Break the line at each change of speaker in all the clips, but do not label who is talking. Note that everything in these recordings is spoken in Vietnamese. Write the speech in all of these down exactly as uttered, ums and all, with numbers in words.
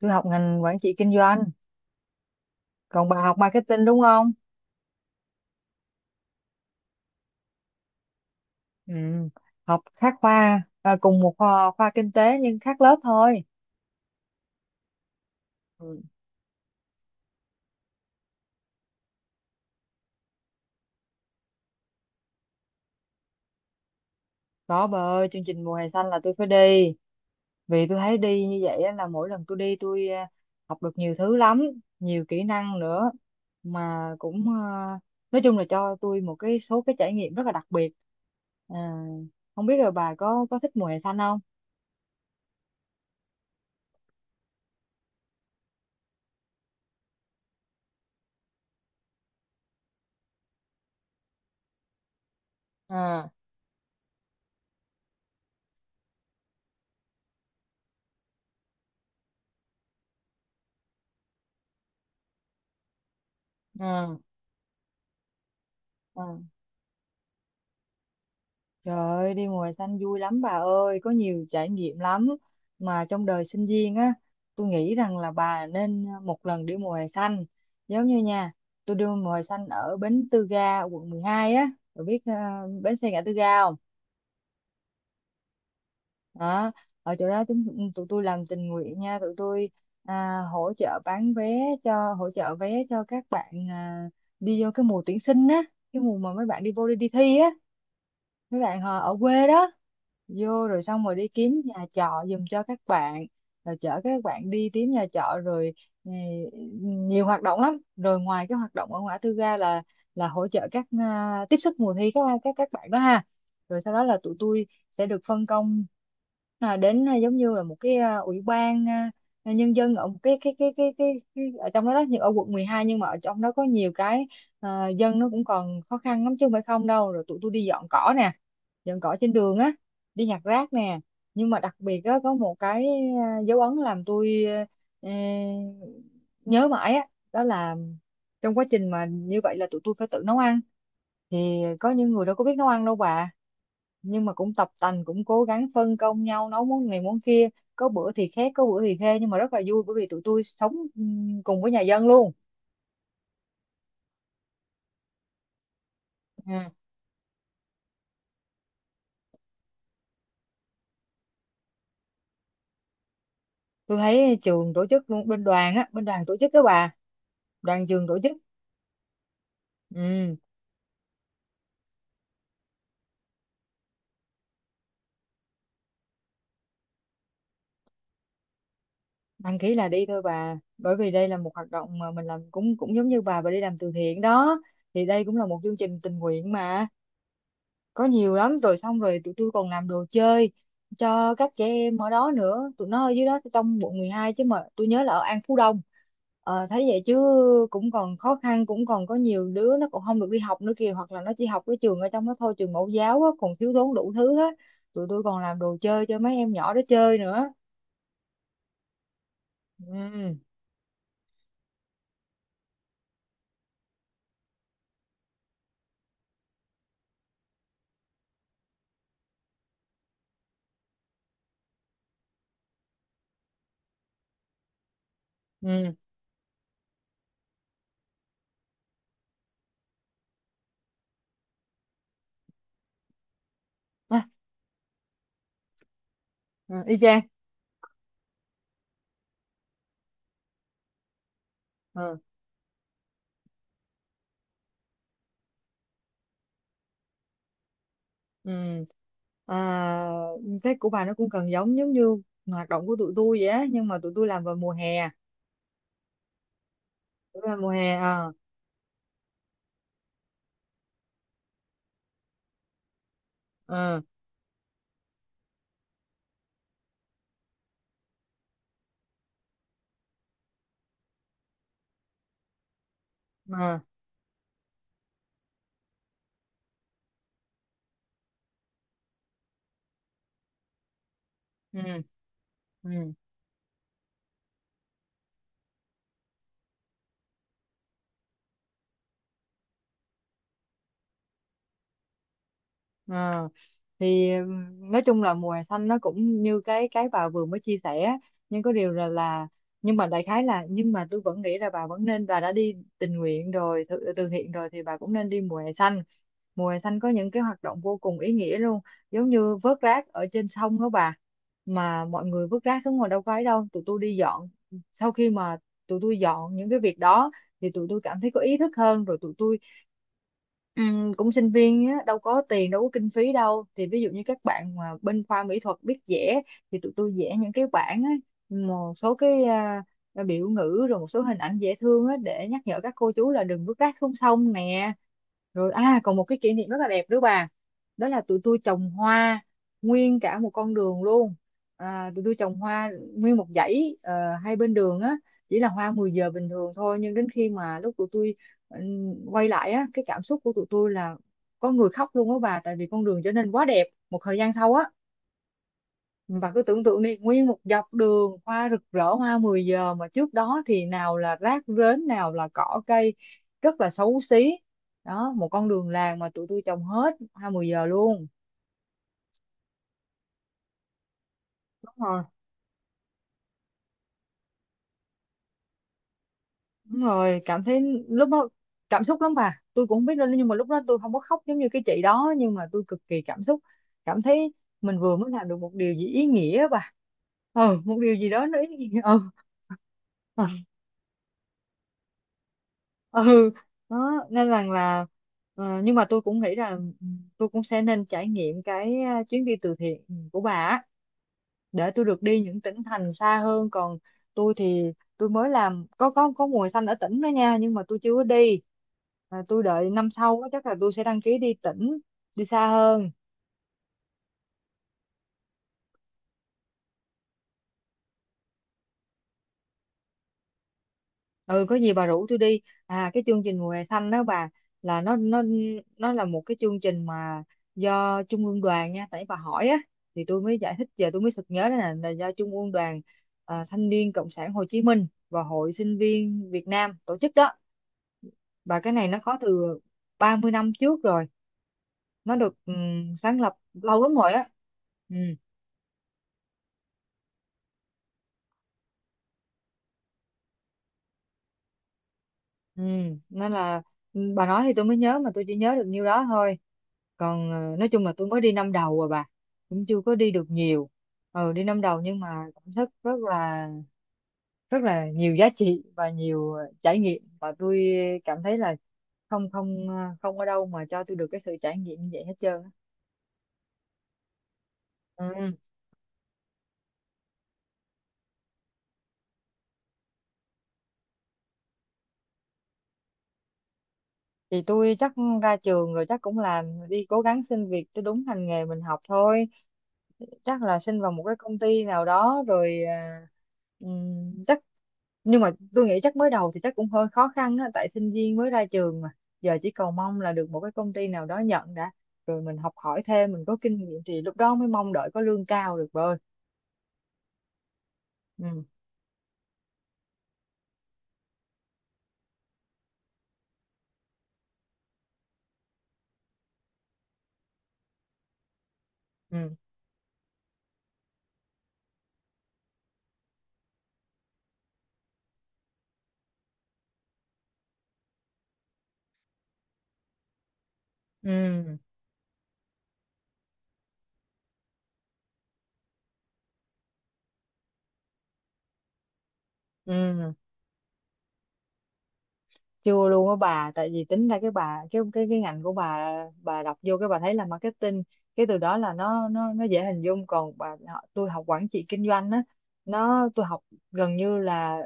Tôi học ngành quản trị kinh doanh, còn bà học marketing đúng không? Ừ. Học khác khoa à, cùng một khoa, khoa kinh tế nhưng khác lớp thôi. Ừ. Đó bà ơi, chương trình mùa hè xanh là tôi phải đi vì tôi thấy đi như vậy á, là mỗi lần tôi đi tôi à, học được nhiều thứ lắm, nhiều kỹ năng nữa, mà cũng à, nói chung là cho tôi một cái số cái trải nghiệm rất là đặc biệt. à, Không biết là bà có có thích mùa hè xanh không? à, à, à. Trời ơi, đi mùa hè xanh vui lắm bà ơi, có nhiều trải nghiệm lắm. Mà trong đời sinh viên á, tôi nghĩ rằng là bà nên ờ, một lần đi mùa hè xanh. Giống như nha, tôi đi mùa hè xanh ở Bến Tư Ga, quận mười hai á, bà biết ờ, bến xe ngã tư ga không? Đó, ở chỗ đó chúng tụi tôi làm tình nguyện nha, tụi tôi à, hỗ trợ bán vé cho hỗ trợ vé cho các bạn à, đi vô cái mùa tuyển sinh á, cái mùa mà mấy bạn đi vô đi, đi thi á. Mấy bạn ờ, ở quê đó vô rồi xong rồi đi kiếm nhà trọ giùm cho các bạn, rồi chở các bạn đi kiếm nhà trọ rồi. ừ, Nhiều hoạt động lắm, rồi ngoài cái hoạt động ở ngã tư ga là là hỗ trợ các à, tiếp sức mùa thi các các các bạn đó ha, rồi sau đó là tụi tôi sẽ được phân công à, đến à, giống như là một cái à, ủy ban à, nhân dân ở một cái cái cái cái cái, cái ở trong đó đó, nhưng ở quận mười hai, nhưng mà ở trong đó có nhiều cái à, dân nó cũng còn khó khăn lắm chứ không phải không đâu, rồi tụi tôi đi dọn cỏ nè, dọn cỏ trên đường á, đi nhặt rác nè, nhưng mà đặc biệt á có một cái à, dấu ấn làm tôi ờ, nhớ mãi á, đó là trong quá trình mà như vậy là tụi tôi phải tự nấu ăn, thì có những người đâu có biết nấu ăn đâu bà, nhưng mà cũng tập tành cũng cố gắng phân công nhau nấu món này món kia, có bữa thì khét có bữa thì khê nhưng mà rất là vui, bởi vì tụi tôi sống ừm, cùng với nhà dân luôn. Ừ. Tôi thấy trường tổ chức luôn, bên đoàn á, bên đoàn tổ chức đó bà, đoàn trường tổ chức. Ừ. Đăng ký là đi thôi bà, bởi vì đây là một hoạt động mà mình làm cũng cũng giống như bà bà đi làm từ thiện đó, thì đây cũng là một chương trình tình nguyện mà, có nhiều lắm, rồi xong rồi tụi tôi còn làm đồ chơi cho các trẻ em ở đó nữa, tụi nó ở dưới đó trong quận mười hai chứ, mà tôi nhớ là ở An Phú Đông. Ờ, thấy vậy chứ cũng còn khó khăn, cũng còn có nhiều đứa nó còn không được đi học nữa kìa, hoặc là nó chỉ học cái trường ở trong đó thôi, trường mẫu giáo á, còn thiếu thốn đủ thứ hết. Tụi tôi còn làm đồ chơi cho mấy em nhỏ đó chơi nữa. ừ ừ À, ừ, y chang. Ờ, ừ. À, Tết của bà nó cũng gần giống giống như hoạt động của tụi tôi vậy á, nhưng mà tụi tôi làm vào mùa hè, tụi tôi làm mùa hè ờ ờ ờ ừ ừ ờ thì ừm, nói chung là mùa hè xanh nó cũng như cái cái bà vừa mới chia sẻ á. Nhưng có điều là là nhưng mà đại khái là nhưng mà tôi vẫn nghĩ là bà vẫn nên, bà đã đi tình nguyện rồi, từ, từ thiện rồi thì bà cũng nên đi mùa hè xanh. Mùa hè xanh có những cái hoạt động vô cùng ý nghĩa luôn, giống như vớt rác ở trên sông đó bà, mà mọi người vứt rác xuống ngồi đâu có ấy đâu, tụi tôi đi dọn. Sau khi mà tụi tôi dọn những cái việc đó thì tụi tôi cảm thấy có ý thức hơn, rồi tụi tôi, ừ, cũng sinh viên á, đâu có tiền đâu có kinh phí đâu, thì ví dụ như các bạn mà bên khoa mỹ thuật biết vẽ thì tụi tôi vẽ những cái bảng á, một số cái à, à, biểu ngữ, rồi một số hình ảnh dễ thương á, để nhắc nhở các cô chú là đừng vứt rác xuống sông nè. Rồi à còn một cái kỷ niệm rất là đẹp nữa bà, đó là tụi tôi trồng hoa nguyên cả một con đường luôn. À, tụi tôi trồng hoa nguyên một dãy ờ, hai bên đường á, chỉ là hoa mười giờ bình thường thôi, nhưng đến khi mà lúc tụi tôi ừm, quay lại á, cái cảm xúc của tụi tôi là có người khóc luôn á bà, tại vì con đường trở nên quá đẹp một thời gian sau á. Và cứ tưởng tượng đi, nguyên một dọc đường hoa rực rỡ hoa mười giờ, mà trước đó thì nào là rác rến nào là cỏ cây, rất là xấu xí. Đó, một con đường làng mà tụi tôi trồng hết hoa mười giờ luôn. Đúng rồi. Đúng rồi, cảm thấy lúc đó cảm xúc lắm bà. Tôi cũng không biết đâu, nhưng mà lúc đó tôi không có khóc giống như cái chị đó, nhưng mà tôi cực kỳ cảm xúc. Cảm thấy mình vừa mới làm được một điều gì ý nghĩa á bà. Ừ, một điều gì đó nó ý nghĩa. Ừ, ừ. ừ. Đó, nên rằng là ờ, nhưng mà tôi cũng nghĩ là ừ, tôi cũng sẽ nên trải nghiệm cái ờ, chuyến đi từ thiện của bà á, để tôi được đi những tỉnh thành xa hơn. Còn tôi thì tôi mới làm có có có mùa xanh ở tỉnh đó nha, nhưng mà tôi chưa có đi. À, tôi đợi năm sau á, chắc là tôi sẽ đăng ký đi tỉnh, đi xa hơn. Ừ, có gì bà rủ tôi đi. À, cái chương trình mùa hè xanh đó bà, là nó nó nó là một cái chương trình mà do trung ương đoàn nha, tại bà hỏi á thì tôi mới giải thích. Giờ tôi mới sực nhớ đó là, là do trung ương đoàn à, thanh niên cộng sản Hồ Chí Minh và hội sinh viên Việt Nam tổ chức đó. Và cái này nó có từ ba mươi năm trước rồi, nó được ừm, sáng lập lâu lắm rồi á. ừ ừ Nên là ừ, bà nói thì tôi mới nhớ, mà tôi chỉ nhớ được nhiêu đó thôi. Còn ờ, nói chung là tôi mới đi năm đầu rồi bà, cũng chưa có đi được nhiều. Ừ, đi năm đầu nhưng mà cảm thấy rất là, rất là nhiều giá trị và nhiều ờ, trải nghiệm, và tôi cảm thấy là không không ờ, không ở đâu mà cho tôi được cái sự trải nghiệm như vậy hết trơn á. Ừ, thì tôi chắc ra trường rồi chắc cũng làm, đi cố gắng xin việc cho đúng ngành nghề mình học thôi, chắc là xin vào một cái công ty nào đó, rồi à, ừm, chắc, nhưng mà tôi nghĩ chắc mới đầu thì chắc cũng hơi khó khăn á, tại sinh viên mới ra trường mà, giờ chỉ cầu mong là được một cái công ty nào đó nhận đã, rồi mình học hỏi thêm, mình có kinh nghiệm thì lúc đó mới mong đợi có lương cao được bơi. ừ ừ ừ ừ Chưa luôn á bà, tại vì tính ra cái bà cái cái cái ngành của bà bà đọc vô cái bà thấy là marketing, cái từ đó là nó nó nó dễ hình dung. Còn bà họ- tôi học quản trị kinh doanh á, nó tôi học gần như là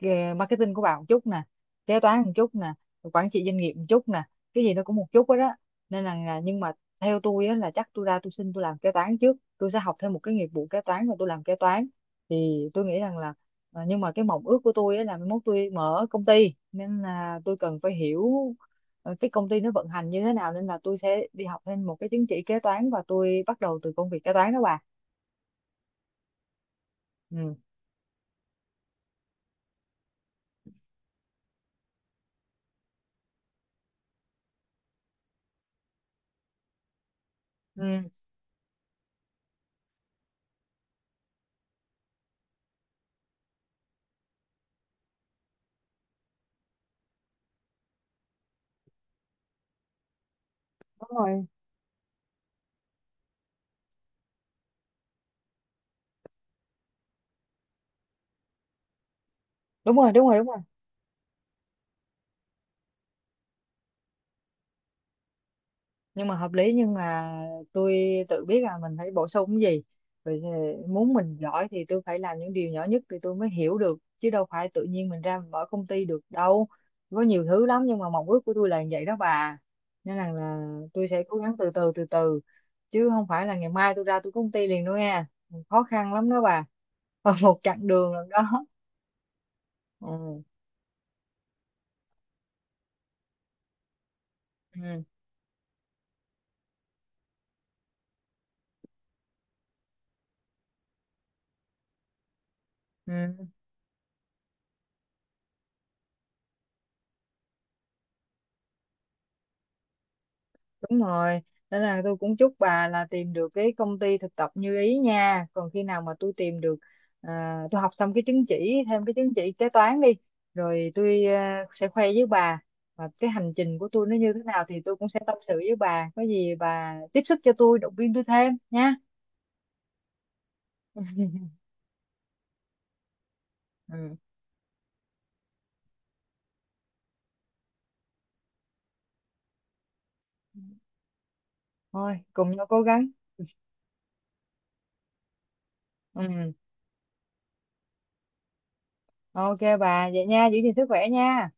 cái marketing của bà một chút nè, kế toán một chút nè, rồi quản trị doanh nghiệp một chút nè, cái gì nó cũng một chút hết đó. Nên là là- nhưng mà theo tôi á, là chắc tôi ra tôi xin tôi làm kế toán trước, tôi sẽ học thêm một cái nghiệp vụ kế toán và tôi làm kế toán, thì tôi nghĩ rằng là à, nhưng mà cái mộng ước của tôi á, là mai mốt tôi mở công ty, nên là tôi cần phải hiểu ờ, cái công ty nó vận hành như thế nào, nên là tôi sẽ đi học thêm một cái chứng chỉ kế toán và tôi bắt đầu từ công việc kế toán đó bà. Ừ. Ừ, đúng rồi. Đúng rồi đúng rồi đúng rồi, nhưng mà hợp lý, nhưng mà tôi tự biết là mình phải bổ sung cái gì. Vậy thì muốn mình giỏi thì tôi phải làm những điều nhỏ nhất thì tôi mới hiểu được, chứ đâu phải tự nhiên mình ra mình mở công ty được đâu. Có nhiều thứ lắm, nhưng mà mong ước của tôi là như vậy đó bà. Nên là, là tôi sẽ cố gắng từ từ từ từ, chứ không phải là ngày mai tôi ra tôi có công ty liền đâu nha, khó khăn lắm đó bà. Còn một chặng đường lần đó. Ừ. Ừ. Ừ. Đúng rồi, nên là tôi cũng chúc bà là tìm được cái công ty thực tập như ý nha. Còn khi nào mà tôi tìm được, à, tôi học xong cái chứng chỉ, thêm cái chứng chỉ kế toán đi, rồi tôi à, sẽ khoe với bà và cái hành trình của tôi nó như thế nào thì tôi cũng sẽ tâm sự với bà. Có gì bà tiếp sức cho tôi, động viên tôi thêm nha. Ừ. Thôi, cùng nhau cố gắng. Ừ. Ok bà, vậy nha, giữ gìn sức khỏe nha.